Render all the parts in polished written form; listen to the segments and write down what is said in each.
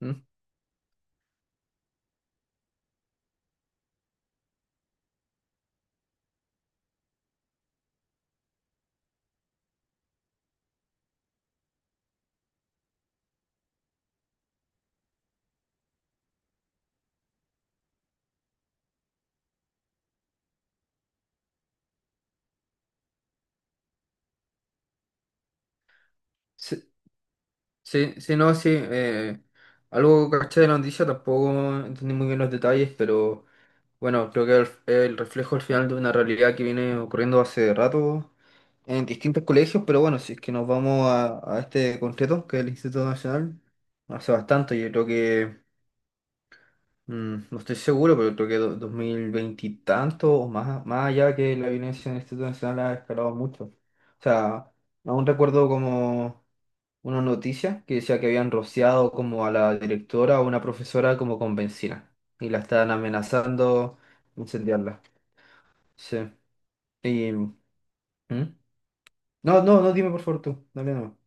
Mm. Sí, sí, sí, no, sí. Algo que caché de la noticia, tampoco entendí muy bien los detalles, pero bueno, creo que es el reflejo al final de una realidad que viene ocurriendo hace rato en distintos colegios, pero bueno, si es que nos vamos a este concreto, que es el Instituto Nacional, hace bastante, yo creo que, mm, no estoy seguro, pero creo que 2020 y tanto, o más, más allá que la violencia en el Instituto Nacional ha escalado mucho. O sea, aún recuerdo como unas noticias que decía que habían rociado como a la directora o una profesora como con benzina y la estaban amenazando incendiarla. Sí. Y, ¿Mm? ¿Mm? No, no, no, dime por favor tú. Dale, no.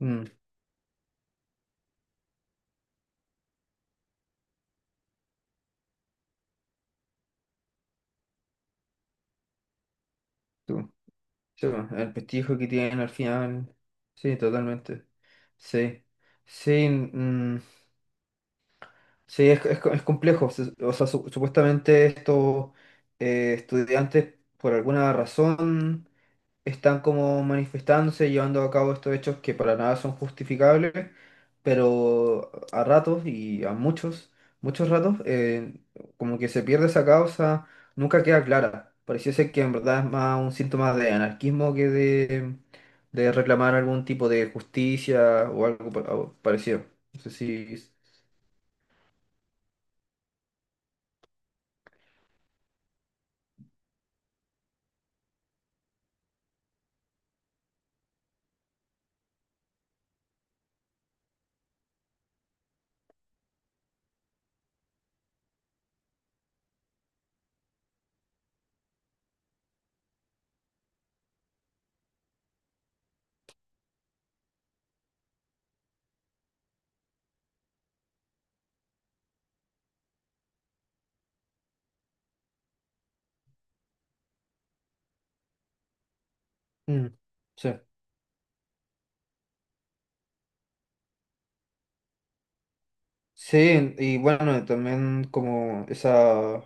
Mm, Tú. Sí, bueno, el prestigio que tienen al final. Sí, totalmente. Sí. Sí, mm, mm, sí, es complejo. O sea, supuestamente estos estudiantes por alguna razón están como manifestándose, llevando a cabo estos hechos que para nada son justificables, pero a ratos y a muchos ratos, como que se pierde esa causa, nunca queda clara. Pareciese que en verdad es más un síntoma de anarquismo que de reclamar algún tipo de justicia o algo o parecido. No sé si... Mm, Sí. Sí, y bueno, también como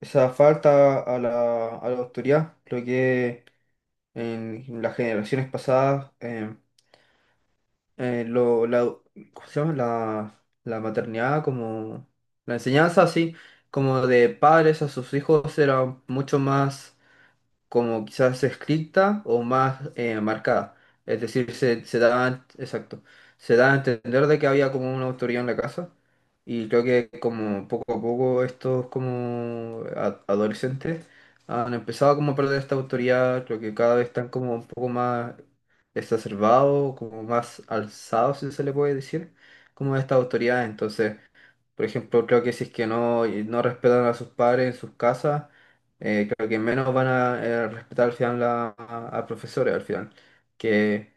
esa falta a a la autoridad, creo que en las generaciones pasadas, la, ¿cómo se llama? La maternidad, como la enseñanza así, como de padres a sus hijos, era mucho más como quizás escrita o más marcada. Es decir, se da, exacto, se da a entender de que había como una autoría en la casa y creo que, como poco a poco, estos como adolescentes han empezado como a perder esta autoría, creo que cada vez están como un poco más exacerbados, como más alzados, si se le puede decir, como esta autoridad. Entonces, por ejemplo, creo que si es que no respetan a sus padres en sus casas, creo que menos van a respetar al final a profesores, al final. Que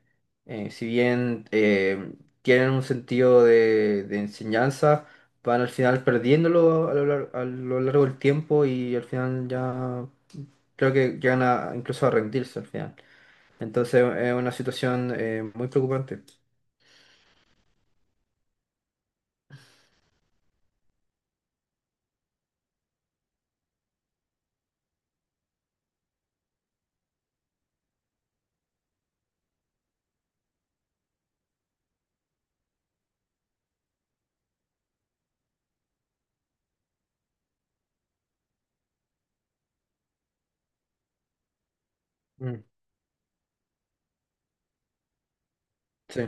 si bien tienen un sentido de enseñanza, van al final perdiéndolo a a lo largo del tiempo y al final ya creo que llegan a, incluso a rendirse al final. Entonces es una situación muy preocupante. Mm. Sí.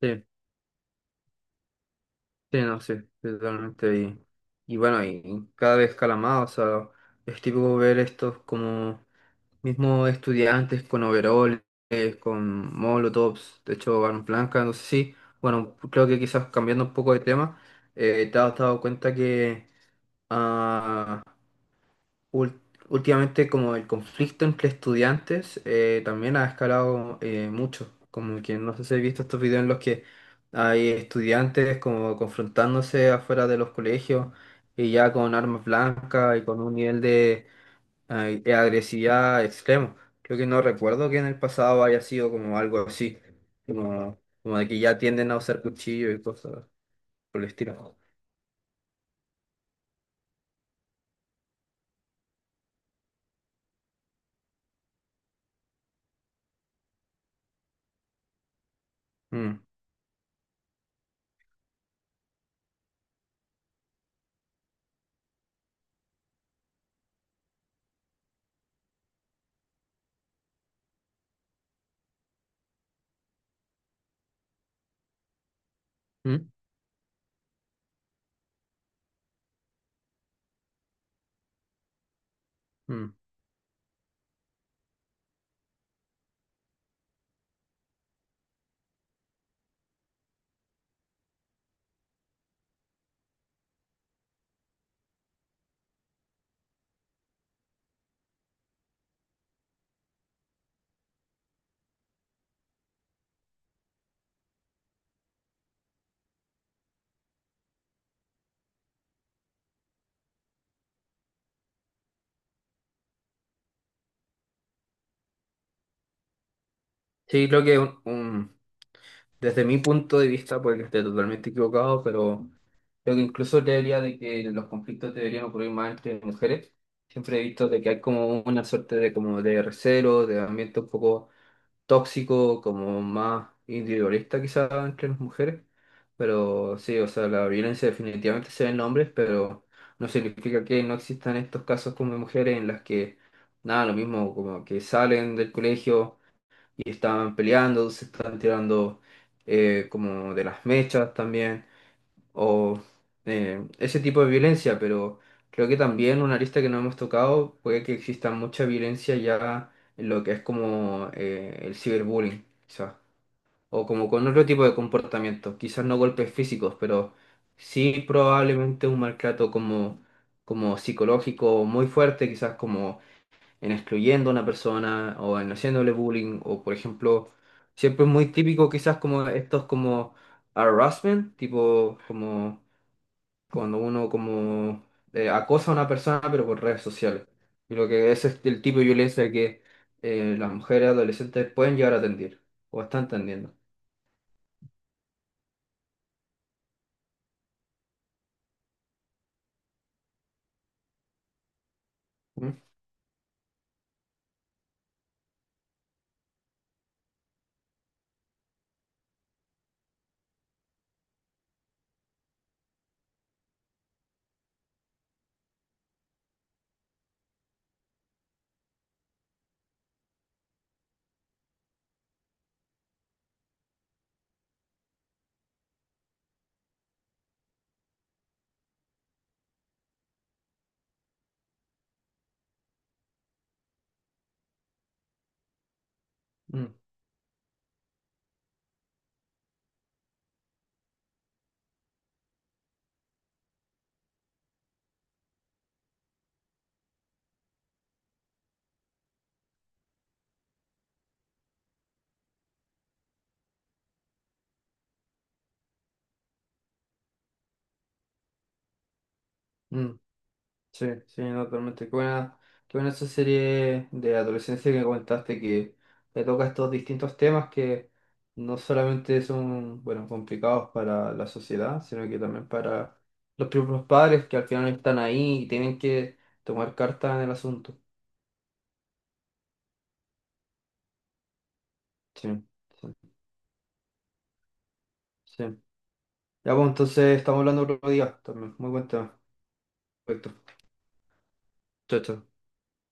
Sí. Sí, no, Sí, totalmente. Y bueno, y cada vez cala más, o sea, es típico ver estos como mismos estudiantes con overoles, con molotovs, de hecho, armas blancas, no sé si, bueno, creo que quizás cambiando un poco de tema, te has dado cuenta que ah, Ul- últimamente como el conflicto entre estudiantes también ha escalado mucho, como que no sé si he visto estos videos en los que hay estudiantes como confrontándose afuera de los colegios y ya con armas blancas y con un nivel de agresividad extremo. Creo que no recuerdo que en el pasado haya sido como algo así, como, como de que ya tienden a usar cuchillo y cosas por el estilo. Mm, mm, mm. Sí, creo que desde mi punto de vista, puede que esté totalmente equivocado, pero creo que incluso creería de que los conflictos deberían ocurrir más entre mujeres. Siempre he visto de que hay como una suerte de como de recelo, de ambiente un poco tóxico, como más individualista quizás entre las mujeres. Pero sí, o sea, la violencia definitivamente se ve en hombres, pero no significa que no existan estos casos como de mujeres en las que, nada, lo mismo, como que salen del colegio y estaban peleando, se estaban tirando como de las mechas también, o ese tipo de violencia, pero creo que también una arista que no hemos tocado puede que exista mucha violencia ya en lo que es como el ciberbullying, quizás, o como con otro tipo de comportamiento, quizás no golpes físicos, pero sí probablemente un maltrato como, como psicológico muy fuerte, quizás como en excluyendo a una persona o en haciéndole bullying o, por ejemplo, siempre es muy típico quizás como estos como harassment, tipo como cuando uno como acosa a una persona pero por redes sociales. Y lo que ese es el tipo de violencia que las mujeres adolescentes pueden llegar a atender o están atendiendo. ¿Mm? Mm, mm. Sí, sí, no, totalmente. Qué buena esa serie de adolescencia que comentaste, que te toca estos distintos temas que no solamente son, bueno, complicados para la sociedad, sino que también para los propios padres que al final están ahí y tienen que tomar carta en el asunto. Sí, sí, sí. Ya, pues entonces estamos hablando otro día también. Muy buen tema. Perfecto. Chao, chao.